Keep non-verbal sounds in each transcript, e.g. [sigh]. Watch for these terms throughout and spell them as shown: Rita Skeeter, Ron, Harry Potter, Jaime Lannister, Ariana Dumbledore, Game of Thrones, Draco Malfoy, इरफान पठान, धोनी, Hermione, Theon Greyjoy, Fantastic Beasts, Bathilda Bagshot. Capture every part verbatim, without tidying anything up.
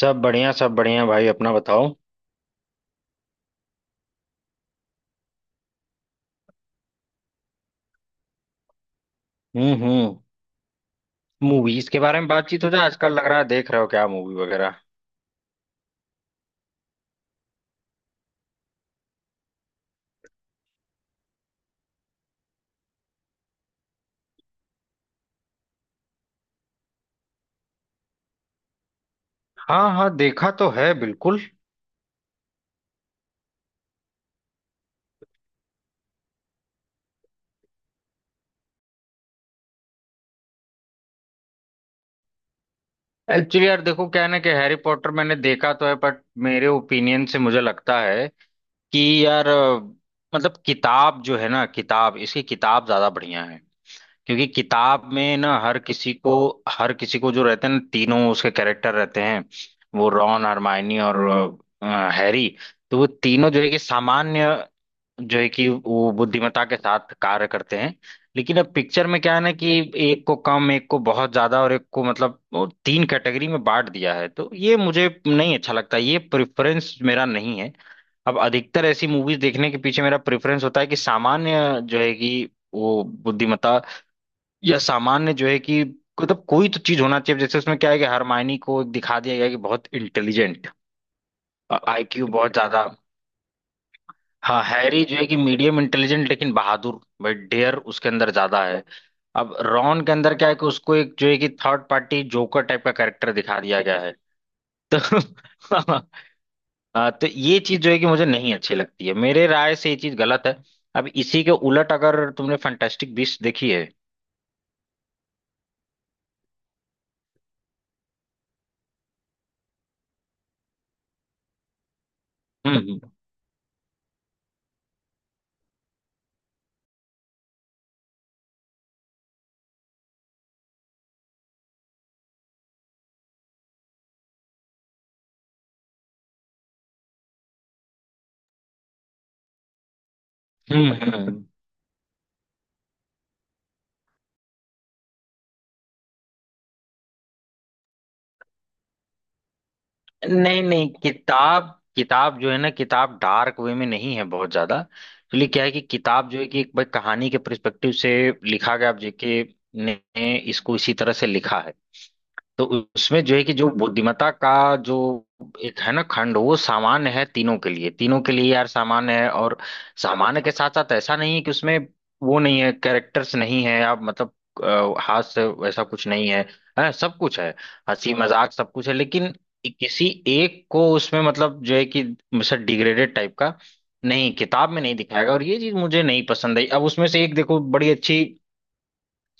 सब बढ़िया सब बढ़िया भाई, अपना बताओ। हम्म हम्म। मूवीज के बारे में बातचीत हो जाए। आजकल लग रहा है, देख रहे हो क्या मूवी वगैरह? हाँ हाँ, देखा तो है बिल्कुल। एक्चुअली यार देखो, क्या है ना कि हैरी पॉटर मैंने देखा तो है, बट मेरे ओपिनियन से मुझे लगता है कि यार अ, मतलब किताब जो है ना, किताब, इसकी किताब ज्यादा बढ़िया है। क्योंकि किताब में ना हर किसी को हर किसी को जो रहते हैं ना तीनों, उसके कैरेक्टर रहते हैं। वो रॉन, हरमाइनी और अ, हैरी। तो वो तीनों जो है कि सामान्य जो है कि वो बुद्धिमत्ता के साथ कार्य करते हैं। लेकिन अब पिक्चर में क्या है ना कि एक को कम, एक को बहुत ज्यादा और एक को मतलब वो तीन कैटेगरी में बांट दिया है। तो ये मुझे नहीं अच्छा लगता, ये प्रेफरेंस मेरा नहीं है। अब अधिकतर ऐसी मूवीज देखने के पीछे मेरा प्रेफरेंस होता है कि सामान्य जो है कि वो बुद्धिमत्ता, या सामान्य जो है कि मतलब कोई तो चीज होना चाहिए। जैसे उसमें क्या है कि हरमायनी को दिखा दिया गया है कि बहुत इंटेलिजेंट, आईक्यू बहुत ज्यादा। हाँ, हैरी जो है कि मीडियम इंटेलिजेंट लेकिन बहादुर, बट डेयर उसके अंदर ज्यादा है। अब रॉन के अंदर क्या है कि उसको एक जो है कि थर्ड पार्टी जोकर टाइप का कैरेक्टर दिखा दिया गया है। तो [laughs] हाँ, तो ये चीज जो है कि मुझे नहीं अच्छी लगती है, मेरे राय से ये चीज गलत है। अब इसी के उलट, अगर तुमने फैंटास्टिक बीस्ट देखी है। हम्म हम्म। हम्म हम्म। नहीं नहीं, किताब किताब जो है ना, किताब डार्क वे में नहीं है बहुत ज्यादा। एक्चुअली क्या है कि किताब जो है कि एक भाई कहानी के पर्सपेक्टिव से लिखा गया। अब जेके ने इसको इसी तरह से लिखा है। तो उसमें जो है कि जो बुद्धिमत्ता का जो एक है ना खंड, वो सामान्य है तीनों के लिए, तीनों के लिए यार सामान्य है। और सामान्य के साथ साथ ऐसा नहीं है कि उसमें वो नहीं है, कैरेक्टर्स नहीं है, आप मतलब अ, हाथ से वैसा कुछ नहीं है, है, सब कुछ है। हंसी मजाक सब कुछ है, लेकिन किसी एक को उसमें मतलब जो है कि मतलब डिग्रेडेड टाइप का नहीं, किताब में नहीं दिखाएगा। और ये चीज मुझे नहीं पसंद आई। अब उसमें से एक देखो बड़ी अच्छी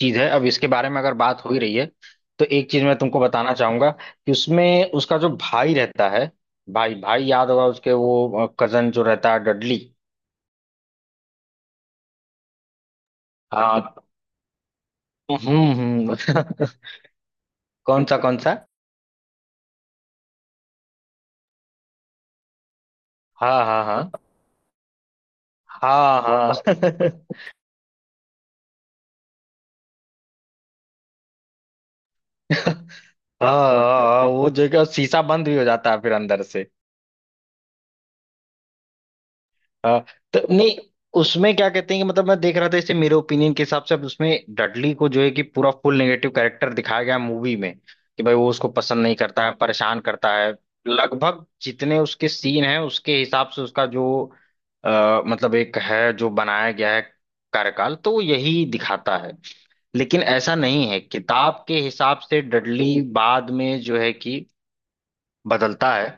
चीज है, अब इसके बारे में अगर बात हो ही रही है तो एक चीज मैं तुमको बताना चाहूंगा कि उसमें उसका जो भाई रहता है, भाई भाई, याद होगा उसके वो कजन जो रहता है डडली। हाँ। हम्म हम्म। [laughs] कौन सा कौन सा? हाँ हाँ हाँ। हाँ हाँ [laughs] हाँ हाँ, हाँ, वो जो है कि शीशा बंद भी हो जाता है फिर अंदर से। हाँ। तो नहीं, उसमें क्या कहते हैं कि मतलब मैं देख रहा था इसे, मेरे ओपिनियन के हिसाब से अब उसमें डडली को जो है कि पूरा फुल नेगेटिव कैरेक्टर दिखाया गया मूवी में। कि भाई वो उसको पसंद नहीं करता है, परेशान करता है। लगभग जितने उसके सीन हैं उसके हिसाब से उसका जो आ, मतलब एक है जो बनाया गया है कार्यकाल, तो वो यही दिखाता है। लेकिन ऐसा नहीं है, किताब के हिसाब से डडली बाद में जो है कि बदलता है।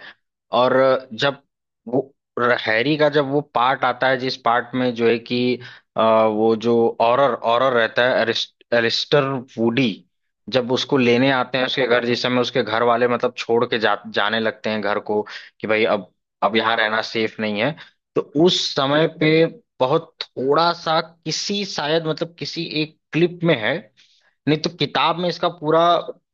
और जब वो, हैरी का जब वो पार्ट आता है जिस पार्ट में जो है कि अ, वो जो ऑरर ऑरर रहता है, एलिस्ट- एलिस्टर वुडी, जब उसको लेने आते हैं उसके घर, जिस समय उसके घर वाले मतलब छोड़ के जा, जाने लगते हैं घर को कि भाई अब अब यहाँ रहना सेफ नहीं है। तो उस समय पे बहुत थोड़ा सा किसी शायद मतलब किसी एक क्लिप में है, नहीं तो किताब में इसका पूरा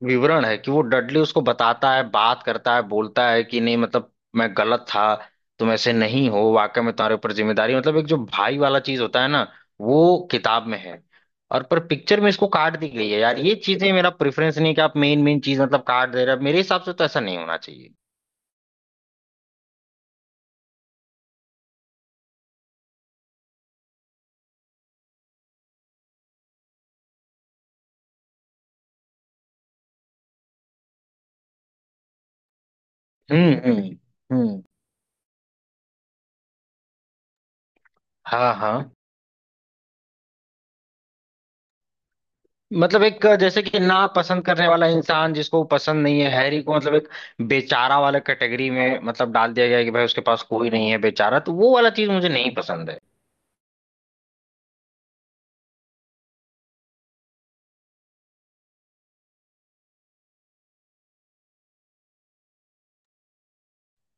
विवरण है कि वो डडली उसको बताता है, बात करता है, बोलता है कि नहीं मतलब मैं गलत था, तुम ऐसे नहीं हो, वाकई में तुम्हारे ऊपर जिम्मेदारी, मतलब एक जो भाई वाला चीज होता है ना, वो किताब में है। और पर पिक्चर में इसको काट दी गई है। यार ये चीजें मेरा प्रेफरेंस नहीं है कि आप मेन मेन चीज मतलब काट दे रहे हो, मेरे हिसाब से तो ऐसा नहीं होना चाहिए। हम्म हम्म हम्म। हाँ हाँ, मतलब एक जैसे कि ना पसंद करने वाला इंसान, जिसको पसंद नहीं है हैरी को, मतलब एक बेचारा वाला कैटेगरी में मतलब डाल दिया गया है कि भाई उसके पास कोई नहीं है बेचारा। तो वो वाला चीज मुझे नहीं पसंद है।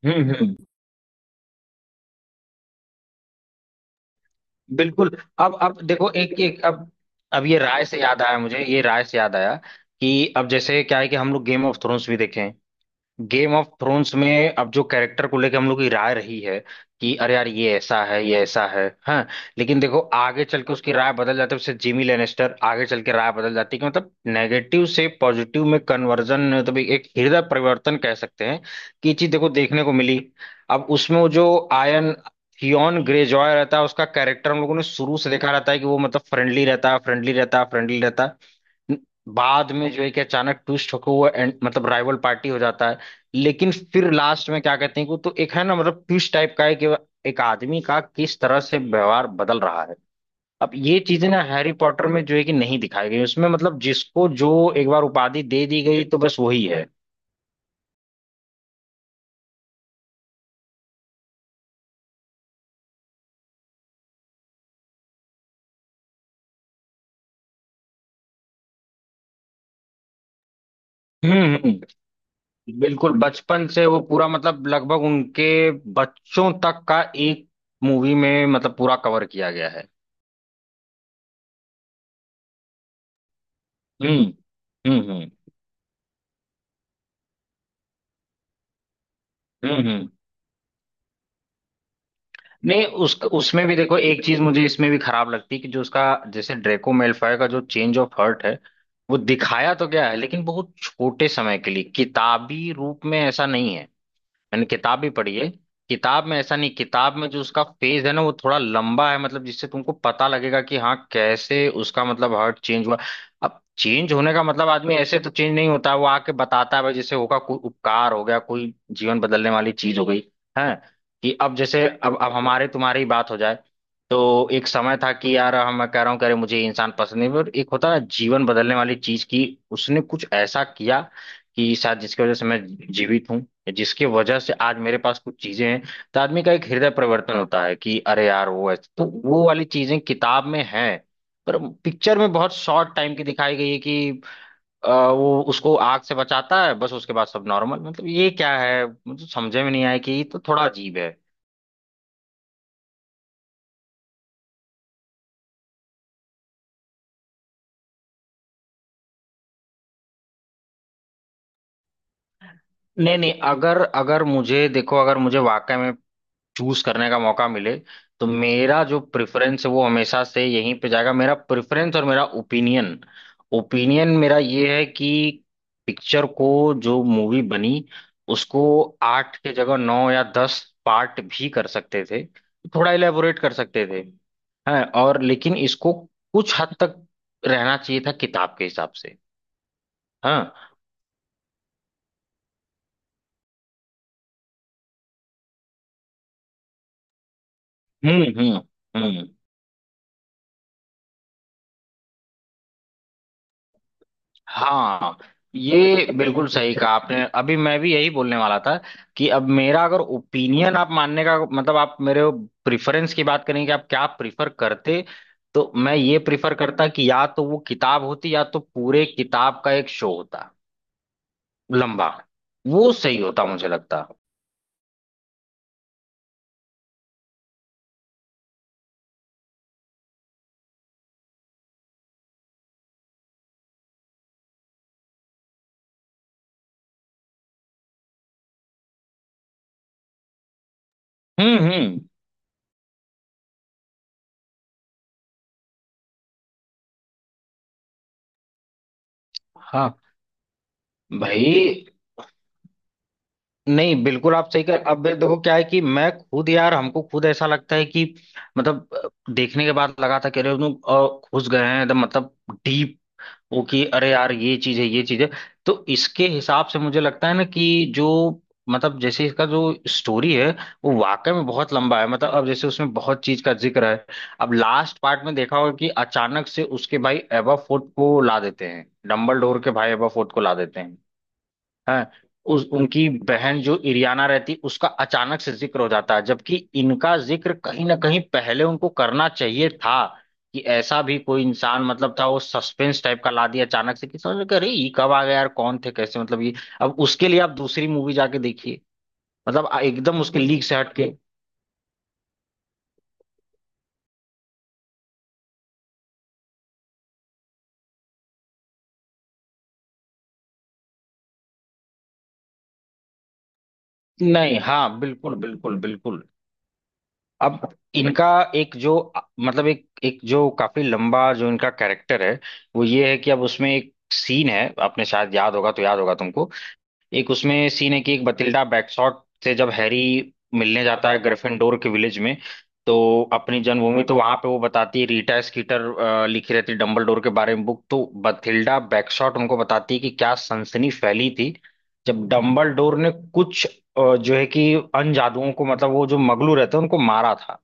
हम्म हम्म। बिल्कुल। अब अब देखो एक एक, अब अब ये राय से याद आया, मुझे ये राय से याद आया कि अब जैसे क्या है कि हम लोग गेम ऑफ थ्रोन्स भी देखें। गेम ऑफ थ्रोन्स में अब जो कैरेक्टर को लेके हम लोग की राय रही है कि अरे यार ये ऐसा है, ये ऐसा है, हाँ। लेकिन देखो आगे चल के उसकी राय बदल जाती है, उससे जिमी लेनेस्टर, आगे चल के राय बदल जाती है कि मतलब नेगेटिव से पॉजिटिव में कन्वर्जन, मतलब एक हृदय परिवर्तन कह सकते हैं कि ये चीज देखो देखने को मिली। अब उसमें वो जो आयन, थियॉन ग्रेजॉय रहता है, उसका कैरेक्टर हम लोगों ने शुरू से देखा रहता है कि वो मतलब फ्रेंडली रहता है, फ्रेंडली रहता है, फ्रेंडली रहता है। बाद में जो है कि अचानक ट्विस्ट होकर वो एंड मतलब राइवल पार्टी हो जाता है। लेकिन फिर लास्ट में क्या कहते हैं कि वो तो एक है ना मतलब ट्विस्ट टाइप का है कि एक आदमी का किस तरह से व्यवहार बदल रहा है। अब ये चीजें ना हैरी पॉटर में जो है कि नहीं दिखाई गई, उसमें मतलब जिसको जो एक बार उपाधि दे दी गई तो बस वही है। हम्म हम्म, हम्म। बिल्कुल बचपन से वो पूरा मतलब लगभग उनके बच्चों तक का एक मूवी में मतलब पूरा कवर किया गया है। हम्म हम्म। हम्म हम्म। हम्म। नहीं, उस उसमें भी देखो एक चीज मुझे इसमें भी खराब लगती है कि जो उसका, जैसे ड्रेको मेलफॉय का जो चेंज ऑफ हर्ट है, वो दिखाया तो गया है लेकिन बहुत छोटे समय के लिए। किताबी रूप में ऐसा नहीं है, मैंने किताब भी पढ़ी है। किताब में ऐसा नहीं, किताब में जो उसका फेज है ना वो थोड़ा लंबा है, मतलब जिससे तुमको पता लगेगा कि हाँ कैसे उसका मतलब हार्ट चेंज हुआ। अब चेंज होने का मतलब आदमी ऐसे तो चेंज नहीं होता है, वो आके बताता है भाई जैसे होगा कोई उपकार हो गया, कोई जीवन बदलने वाली चीज हो गई है। कि अब जैसे, अब अब हमारे तुम्हारी ही बात हो जाए, तो एक समय था कि यार हम, मैं कह रहा हूँ, कह रहे मुझे ये इंसान पसंद नहीं, पर एक होता है जीवन बदलने वाली चीज की उसने कुछ ऐसा किया कि शायद जिसकी वजह से मैं जीवित हूँ, या जिसकी वजह से आज मेरे पास कुछ चीजें हैं। तो आदमी का एक हृदय परिवर्तन होता है कि अरे यार वो ऐसे, तो वो वाली चीजें किताब में है। पर पिक्चर में बहुत शॉर्ट टाइम की दिखाई गई है कि अ, वो उसको आग से बचाता है, बस उसके बाद सब नॉर्मल। मतलब ये क्या है, मुझे समझ में नहीं आया कि ये तो थोड़ा अजीब है। नहीं नहीं, अगर अगर मुझे देखो, अगर मुझे वाकई में चूज करने का मौका मिले तो मेरा जो प्रेफरेंस है वो हमेशा से यहीं पे जाएगा। मेरा प्रेफरेंस और मेरा ओपिनियन, ओपिनियन मेरा ये है कि पिक्चर को, जो मूवी बनी उसको आठ के जगह नौ या दस पार्ट भी कर सकते थे, थोड़ा इलेबोरेट कर सकते थे। हाँ, और लेकिन इसको कुछ हद तक रहना चाहिए था किताब के हिसाब से। हाँ हम्म हम्म हम्म। हाँ, ये बिल्कुल सही कहा आपने, अभी मैं भी यही बोलने वाला था कि अब मेरा अगर ओपिनियन आप मानने का मतलब, आप मेरे प्रिफरेंस की बात करें कि आप क्या प्रिफर करते, तो मैं ये प्रिफर करता कि या तो वो किताब होती, या तो पूरे किताब का एक शो होता, लंबा, वो सही होता मुझे लगता। हम्म हम्म। हाँ भाई। नहीं, बिल्कुल आप सही कर, अब भाई देखो क्या है कि मैं खुद, यार हमको खुद ऐसा लगता है कि मतलब देखने के बाद लगा था कि अरे लोग अ, घुस गए हैं एकदम मतलब, डीप वो, कि अरे यार ये चीज है, ये चीज है। तो इसके हिसाब से मुझे लगता है ना कि जो, मतलब जैसे इसका जो स्टोरी है वो वाकई में बहुत लंबा है। मतलब अब जैसे उसमें बहुत चीज का जिक्र है। अब लास्ट पार्ट में देखा होगा कि अचानक से उसके भाई एबा फोर्ट को ला देते हैं, डम्बलडोर के भाई एबा फोर्ट को ला देते हैं। हाँ, उस, उनकी बहन जो इरियाना रहती उसका अचानक से जिक्र हो जाता है, जबकि इनका जिक्र कहीं ना कहीं पहले उनको करना चाहिए था कि ऐसा भी कोई इंसान मतलब था, वो सस्पेंस टाइप का ला दिया अचानक से कि समझ में, कि अरे ये कब आ गया यार, कौन थे, कैसे, मतलब ये। अब उसके लिए आप दूसरी मूवी जाके देखिए, मतलब आ- एकदम उसके लीक से हटके। नहीं, हाँ बिल्कुल बिल्कुल बिल्कुल। अब इनका एक जो मतलब एक एक जो काफी लंबा जो इनका कैरेक्टर है, वो ये है कि अब उसमें एक सीन है, आपने शायद याद होगा तो, याद होगा तुमको, एक उसमें सीन है कि एक बतिल्डा बैकशॉट से जब हैरी मिलने जाता है ग्रिफिंडोर के विलेज में, तो अपनी जन्मभूमि। तो वहां पे वो बताती है, रीटा स्कीटर अ, लिखी रहती है डंबलडोर के बारे में बुक, तो बथिल्डा बैकशॉट उनको बताती है कि क्या सनसनी फैली थी जब डंबलडोर ने कुछ अ, जो है कि अन जादुओं को मतलब वो जो मगलू रहते हैं उनको मारा था।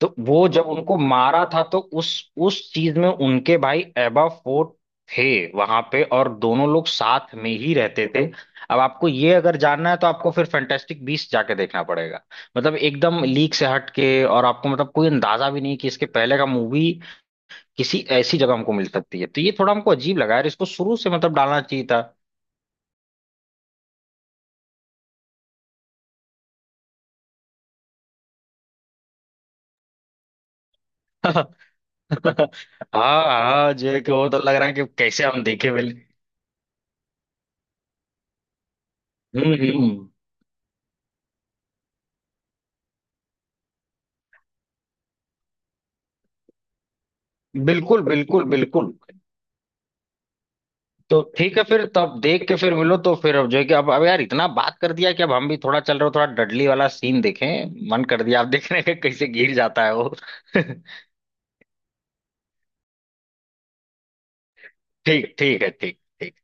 तो वो जब उनको मारा था तो उस उस चीज में उनके भाई एबा फोर्ट थे वहां पे, और दोनों लोग साथ में ही रहते थे। अब आपको ये अगर जानना है तो आपको फिर फैंटास्टिक बीस्ट जाके देखना पड़ेगा, मतलब एकदम लीक से हट के। और आपको मतलब कोई अंदाजा भी नहीं कि इसके पहले का मूवी किसी ऐसी जगह हमको मिल सकती है, तो ये थोड़ा हमको अजीब लगा यार, इसको शुरू से मतलब डालना चाहिए था। [laughs] हाँ, हाँ जो है कि वो तो लग रहा है कि कैसे हम देखे पहले। हम्म हम्म। बिल्कुल बिल्कुल बिल्कुल। तो ठीक है फिर, तो अब देख के फिर मिलो, तो फिर अब जो है कि अब अब यार इतना बात कर दिया कि अब हम भी थोड़ा चल रहे हो, थोड़ा डडली वाला सीन देखें। मन कर दिया आप देखने के, कैसे गिर जाता है वो। [laughs] ठीक, ठीक है, ठीक, ठीक।